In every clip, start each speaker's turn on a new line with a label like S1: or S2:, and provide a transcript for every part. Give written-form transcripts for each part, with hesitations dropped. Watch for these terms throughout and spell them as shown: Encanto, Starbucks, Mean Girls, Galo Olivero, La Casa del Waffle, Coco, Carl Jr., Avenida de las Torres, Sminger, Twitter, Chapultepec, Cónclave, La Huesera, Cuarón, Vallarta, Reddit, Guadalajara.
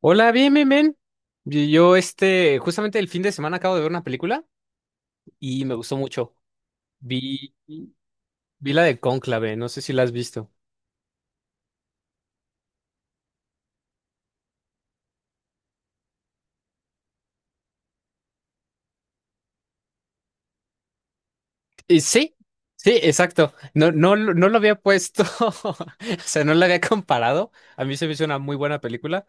S1: Hola, bien, bien, bien. Justamente el fin de semana acabo de ver una película y me gustó mucho. Vi, vi la de Cónclave, no sé si la has visto. Eh, sí, sí, exacto. No lo había puesto, o sea, no la había comparado. A mí se me hizo una muy buena película,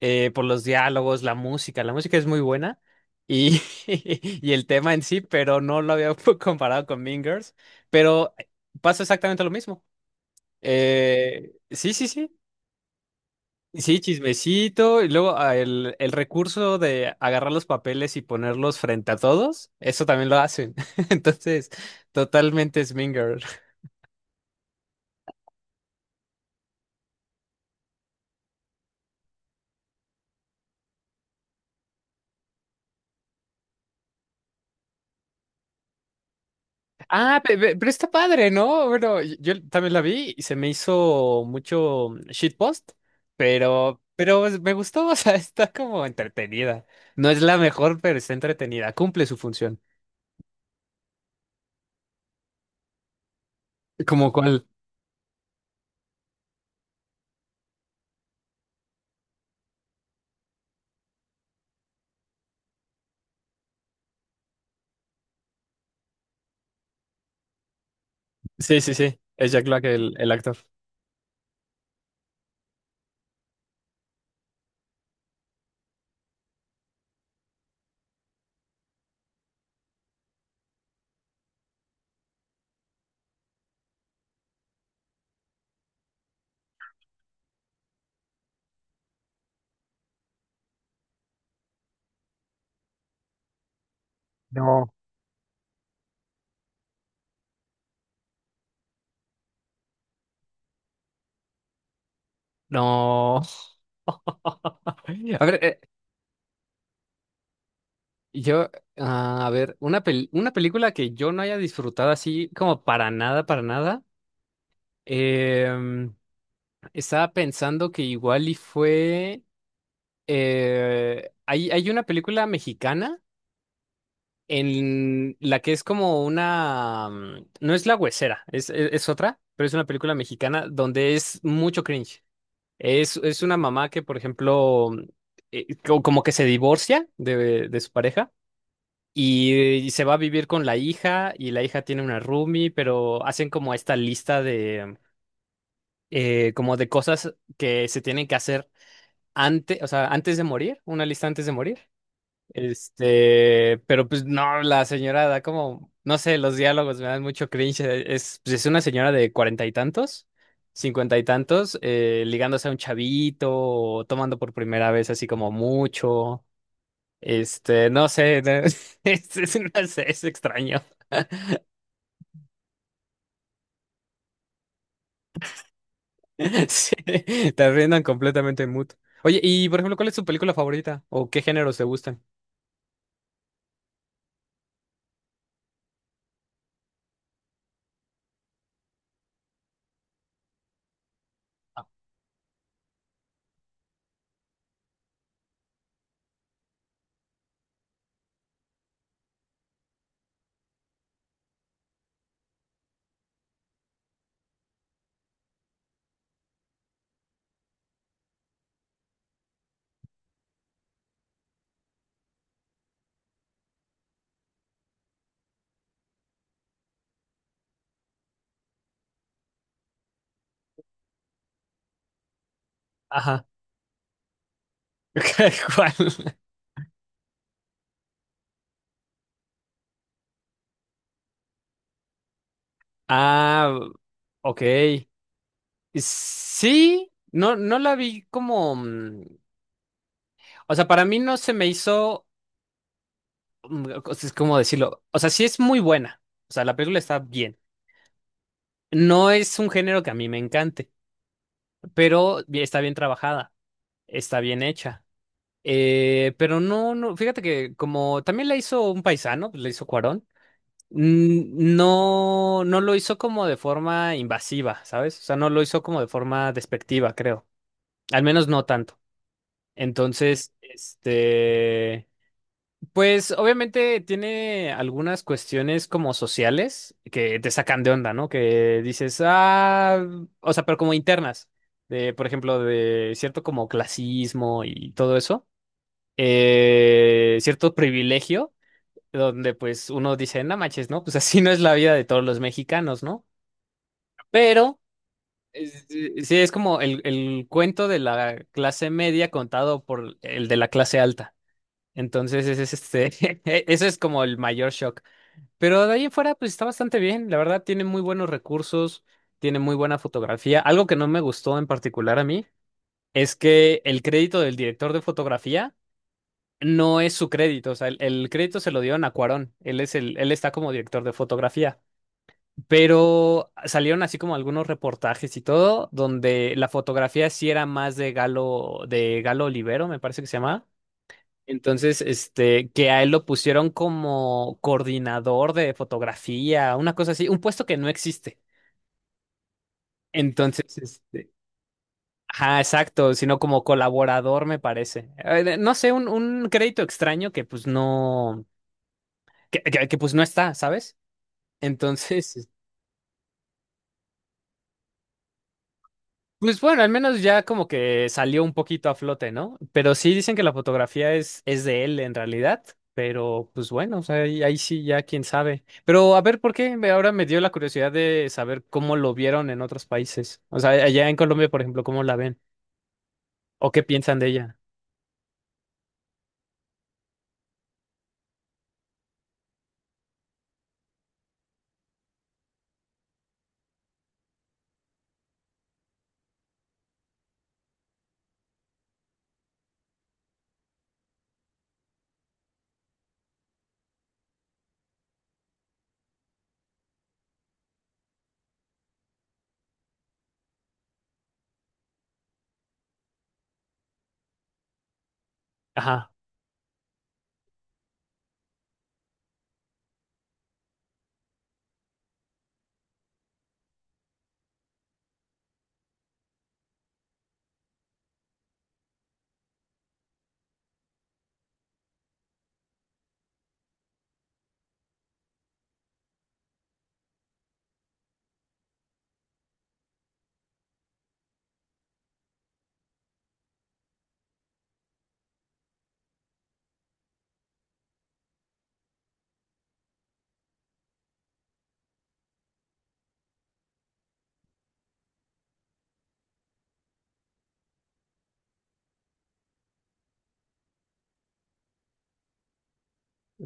S1: por los diálogos, la música. La música es muy buena y, y el tema en sí, pero no lo había comparado con Mean Girls. Pero pasa exactamente lo mismo. Sí, sí, sí. Sí, chismecito, y luego ah, el recurso de agarrar los papeles y ponerlos frente a todos, eso también lo hacen. Entonces, totalmente Sminger. Ah, pero está padre, ¿no? Bueno, yo también la vi y se me hizo mucho shitpost, pero pues me gustó, o sea, está como entretenida. No es la mejor, pero está entretenida, cumple su función. ¿Como cuál? Sí, sí, sí, es Jack Black el actor. No. No. A ver, Yo, a ver, una película que yo no haya disfrutado así como para nada, para nada. em, Estaba pensando que igual y fue… hay una película mexicana en la que es como una… no es La Huesera, es otra, pero es una película mexicana donde es mucho cringe. Es una mamá que, por ejemplo, como que se divorcia de su pareja. Y, y se va a vivir con la hija y la hija tiene una roomie, pero hacen como esta lista de como de cosas que se tienen que hacer antes, o sea, antes de morir, una lista antes de morir. Este, pero pues no, la señora da como, no sé, los diálogos me dan mucho cringe. Es, pues, es una señora de cuarenta y tantos, cincuenta y tantos, ligándose a un chavito, o tomando por primera vez así como mucho. Este, no sé, es, no sé, es extraño. Sí, te arruinan completamente en mood. Oye, y por ejemplo, ¿cuál es tu película favorita? ¿O qué géneros te gustan? Ajá. ¿Cuál? Ah, ok. Sí, no, no la vi como… o sea, para mí no se me hizo. O sea, es como decirlo. O sea, sí es muy buena. O sea, la película está bien. No es un género que a mí me encante, pero está bien trabajada, está bien hecha. Pero no, no, fíjate que como también la hizo un paisano, la hizo Cuarón. N- No, no lo hizo como de forma invasiva, ¿sabes? O sea, no lo hizo como de forma despectiva, creo. Al menos no tanto. Entonces, este, pues obviamente tiene algunas cuestiones como sociales que te sacan de onda, ¿no? Que dices, ah, o sea, pero como internas, por ejemplo, de cierto como clasismo y todo eso, cierto privilegio donde pues uno dice, no manches, ¿no? Pues así no es la vida de todos los mexicanos, ¿no? Pero sí es como el cuento de la clase media contado por el de la clase alta. Entonces, ese es este, ese es como el mayor shock. Pero de ahí en fuera, pues está bastante bien. La verdad, tiene muy buenos recursos, tiene muy buena fotografía. Algo que no me gustó en particular a mí es que el crédito del director de fotografía no es su crédito. O sea, el crédito se lo dieron a Cuarón. Él es el, él está como director de fotografía. Pero salieron así como algunos reportajes y todo, donde la fotografía sí era más de Galo Olivero, me parece que se llama. Entonces, este, que a él lo pusieron como coordinador de fotografía, una cosa así, un puesto que no existe. Entonces, este, ajá, exacto, sino como colaborador, me parece. No sé, un crédito extraño que pues no, pues no está, ¿sabes? Entonces, pues bueno, al menos ya como que salió un poquito a flote, ¿no? Pero sí dicen que la fotografía es de él en realidad, pero pues bueno, o sea, ahí sí ya quién sabe. Pero a ver, ¿ ahora me dio la curiosidad de saber cómo lo vieron en otros países? O sea, allá en Colombia, por ejemplo, ¿cómo la ven? ¿O qué piensan de ella? Ajá,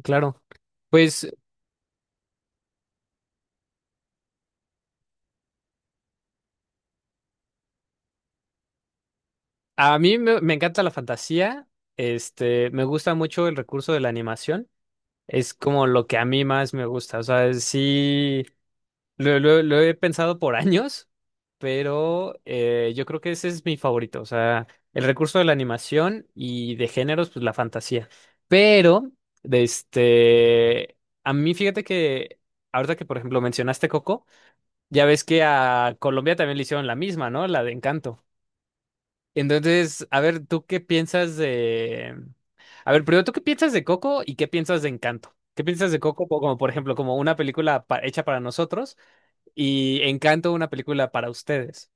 S1: claro. Pues me encanta la fantasía, este, me gusta mucho el recurso de la animación, es como lo que a mí más me gusta, o sea, sí. Lo he pensado por años, pero yo creo que ese es mi favorito. O sea, el recurso de la animación y de géneros, pues la fantasía. Pero, de este, a mí fíjate que ahorita que, por ejemplo, mencionaste Coco, ya ves que a Colombia también le hicieron la misma, ¿no? La de Encanto. Entonces, a ver, ¿tú qué piensas de… A ver, primero, ¿tú qué piensas de Coco y qué piensas de Encanto? ¿Qué piensas de Coco como, por ejemplo, como una película hecha para nosotros y Encanto una película para ustedes?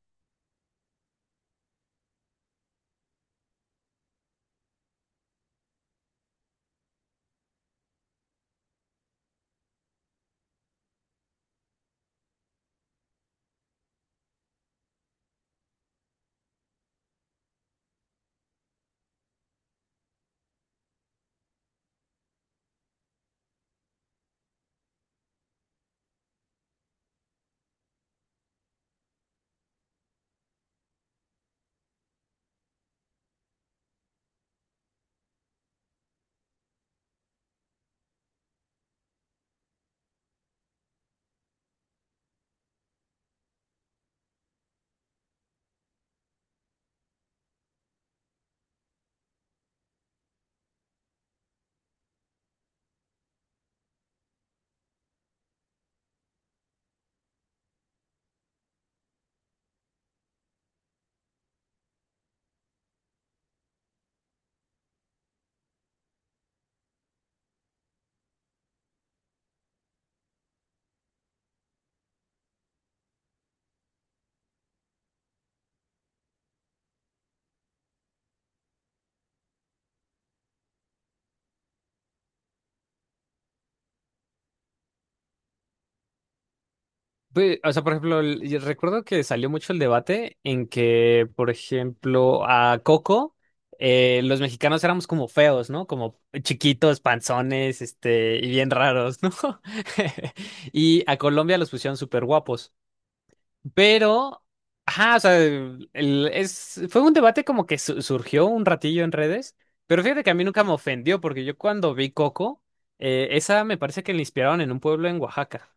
S1: Pues, o sea, por ejemplo, yo recuerdo que salió mucho el debate en que, por ejemplo, a Coco, los mexicanos éramos como feos, ¿no? Como chiquitos, panzones, este, y bien raros, ¿no? Y a Colombia los pusieron súper guapos. Pero, ajá, o sea, fue un debate como que surgió un ratillo en redes, pero fíjate que a mí nunca me ofendió, porque yo cuando vi Coco, esa me parece que la inspiraron en un pueblo en Oaxaca.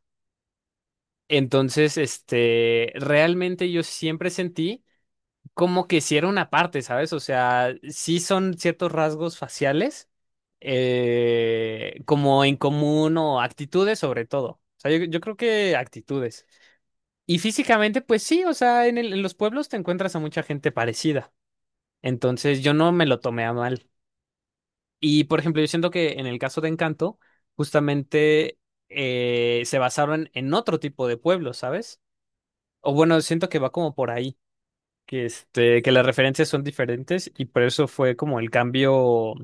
S1: Entonces, este, realmente yo siempre sentí como que si era una parte, ¿sabes? O sea, sí son ciertos rasgos faciales, como en común o actitudes sobre todo. O sea, yo creo que actitudes. Y físicamente, pues sí, o sea, en en los pueblos te encuentras a mucha gente parecida. Entonces yo no me lo tomé a mal. Y por ejemplo, yo siento que en el caso de Encanto, justamente se basaron en otro tipo de pueblos, ¿sabes? O bueno, siento que va como por ahí, que, este, que las referencias son diferentes y por eso fue como el cambio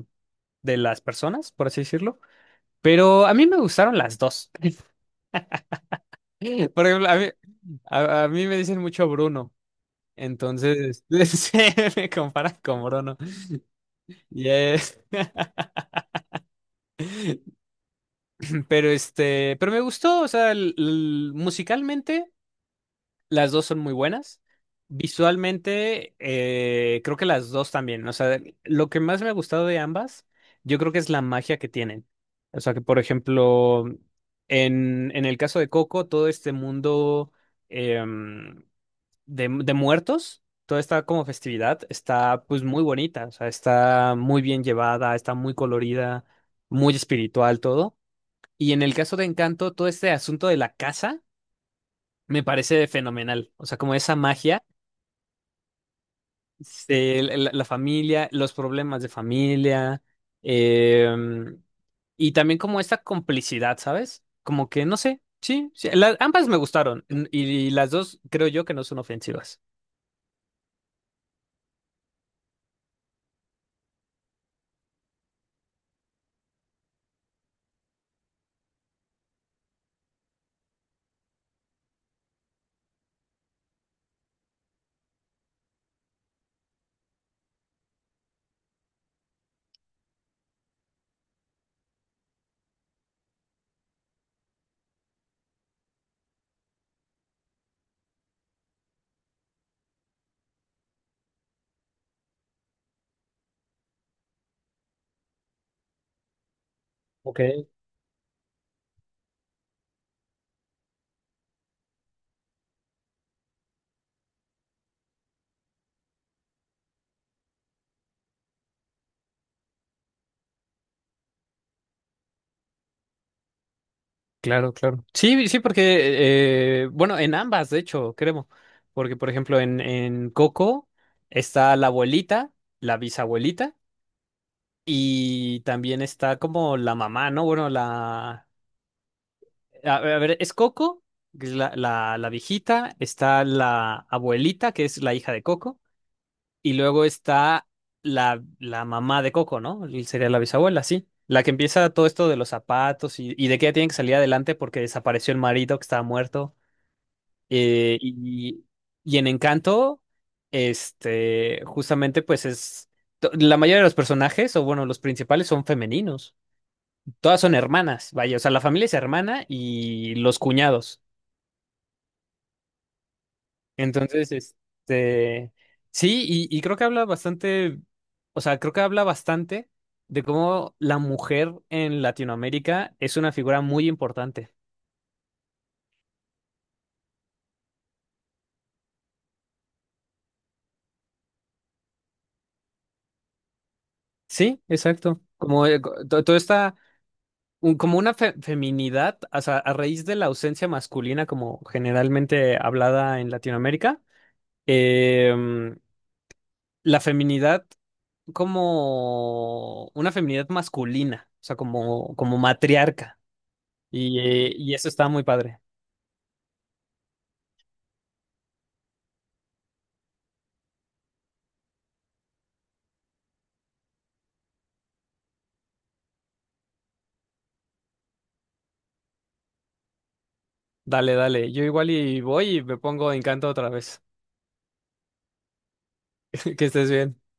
S1: de las personas, por así decirlo. Pero a mí me gustaron las dos. Por ejemplo, a mí me dicen mucho Bruno. Entonces, se me compara con Bruno. Y es- Pero este, pero me gustó, o sea, musicalmente las dos son muy buenas. Visualmente, creo que las dos también. O sea, lo que más me ha gustado de ambas, yo creo que es la magia que tienen. O sea, que por ejemplo, en el caso de Coco, todo este mundo, em, de muertos, toda esta como festividad está pues muy bonita, o sea, está muy bien llevada, está muy colorida, muy espiritual todo. Y en el caso de Encanto, todo este asunto de la casa me parece fenomenal, o sea, como esa magia, este, familia, los problemas de familia, em, y también como esta complicidad, ¿sabes? Como que, no sé, sí, sí, ambas me gustaron y las dos creo yo que no son ofensivas. Ok. Claro, claro. Sí, sí, porque, bueno, en ambas, de hecho, creo. Porque, por ejemplo, en Coco está la abuelita, la bisabuelita, y también está como la mamá, ¿no? Bueno, la… A ver, a ver, es Coco, que es la viejita, está la abuelita, que es la hija de Coco, y luego está la mamá de Coco, ¿no? Y sería la bisabuela, sí. La que empieza todo esto de los zapatos y de que ella tiene que salir adelante porque desapareció el marido que estaba muerto. Eh, y, y en Encanto, este, justamente pues es, la mayoría de los personajes, o bueno, los principales son femeninos. Todas son hermanas, vaya, o sea, la familia es hermana y los cuñados. Entonces, este, sí, y creo que habla bastante, o sea, creo que habla bastante de cómo la mujer en Latinoamérica es una figura muy importante. Sí, exacto. Como todo está como una feminidad, o sea, a raíz de la ausencia masculina, como generalmente hablada en Latinoamérica, em, la feminidad como una feminidad masculina, o sea, como, como matriarca. Y eso está muy padre. Dale, dale. Yo igual y voy y me pongo Encanto otra vez. Que estés bien.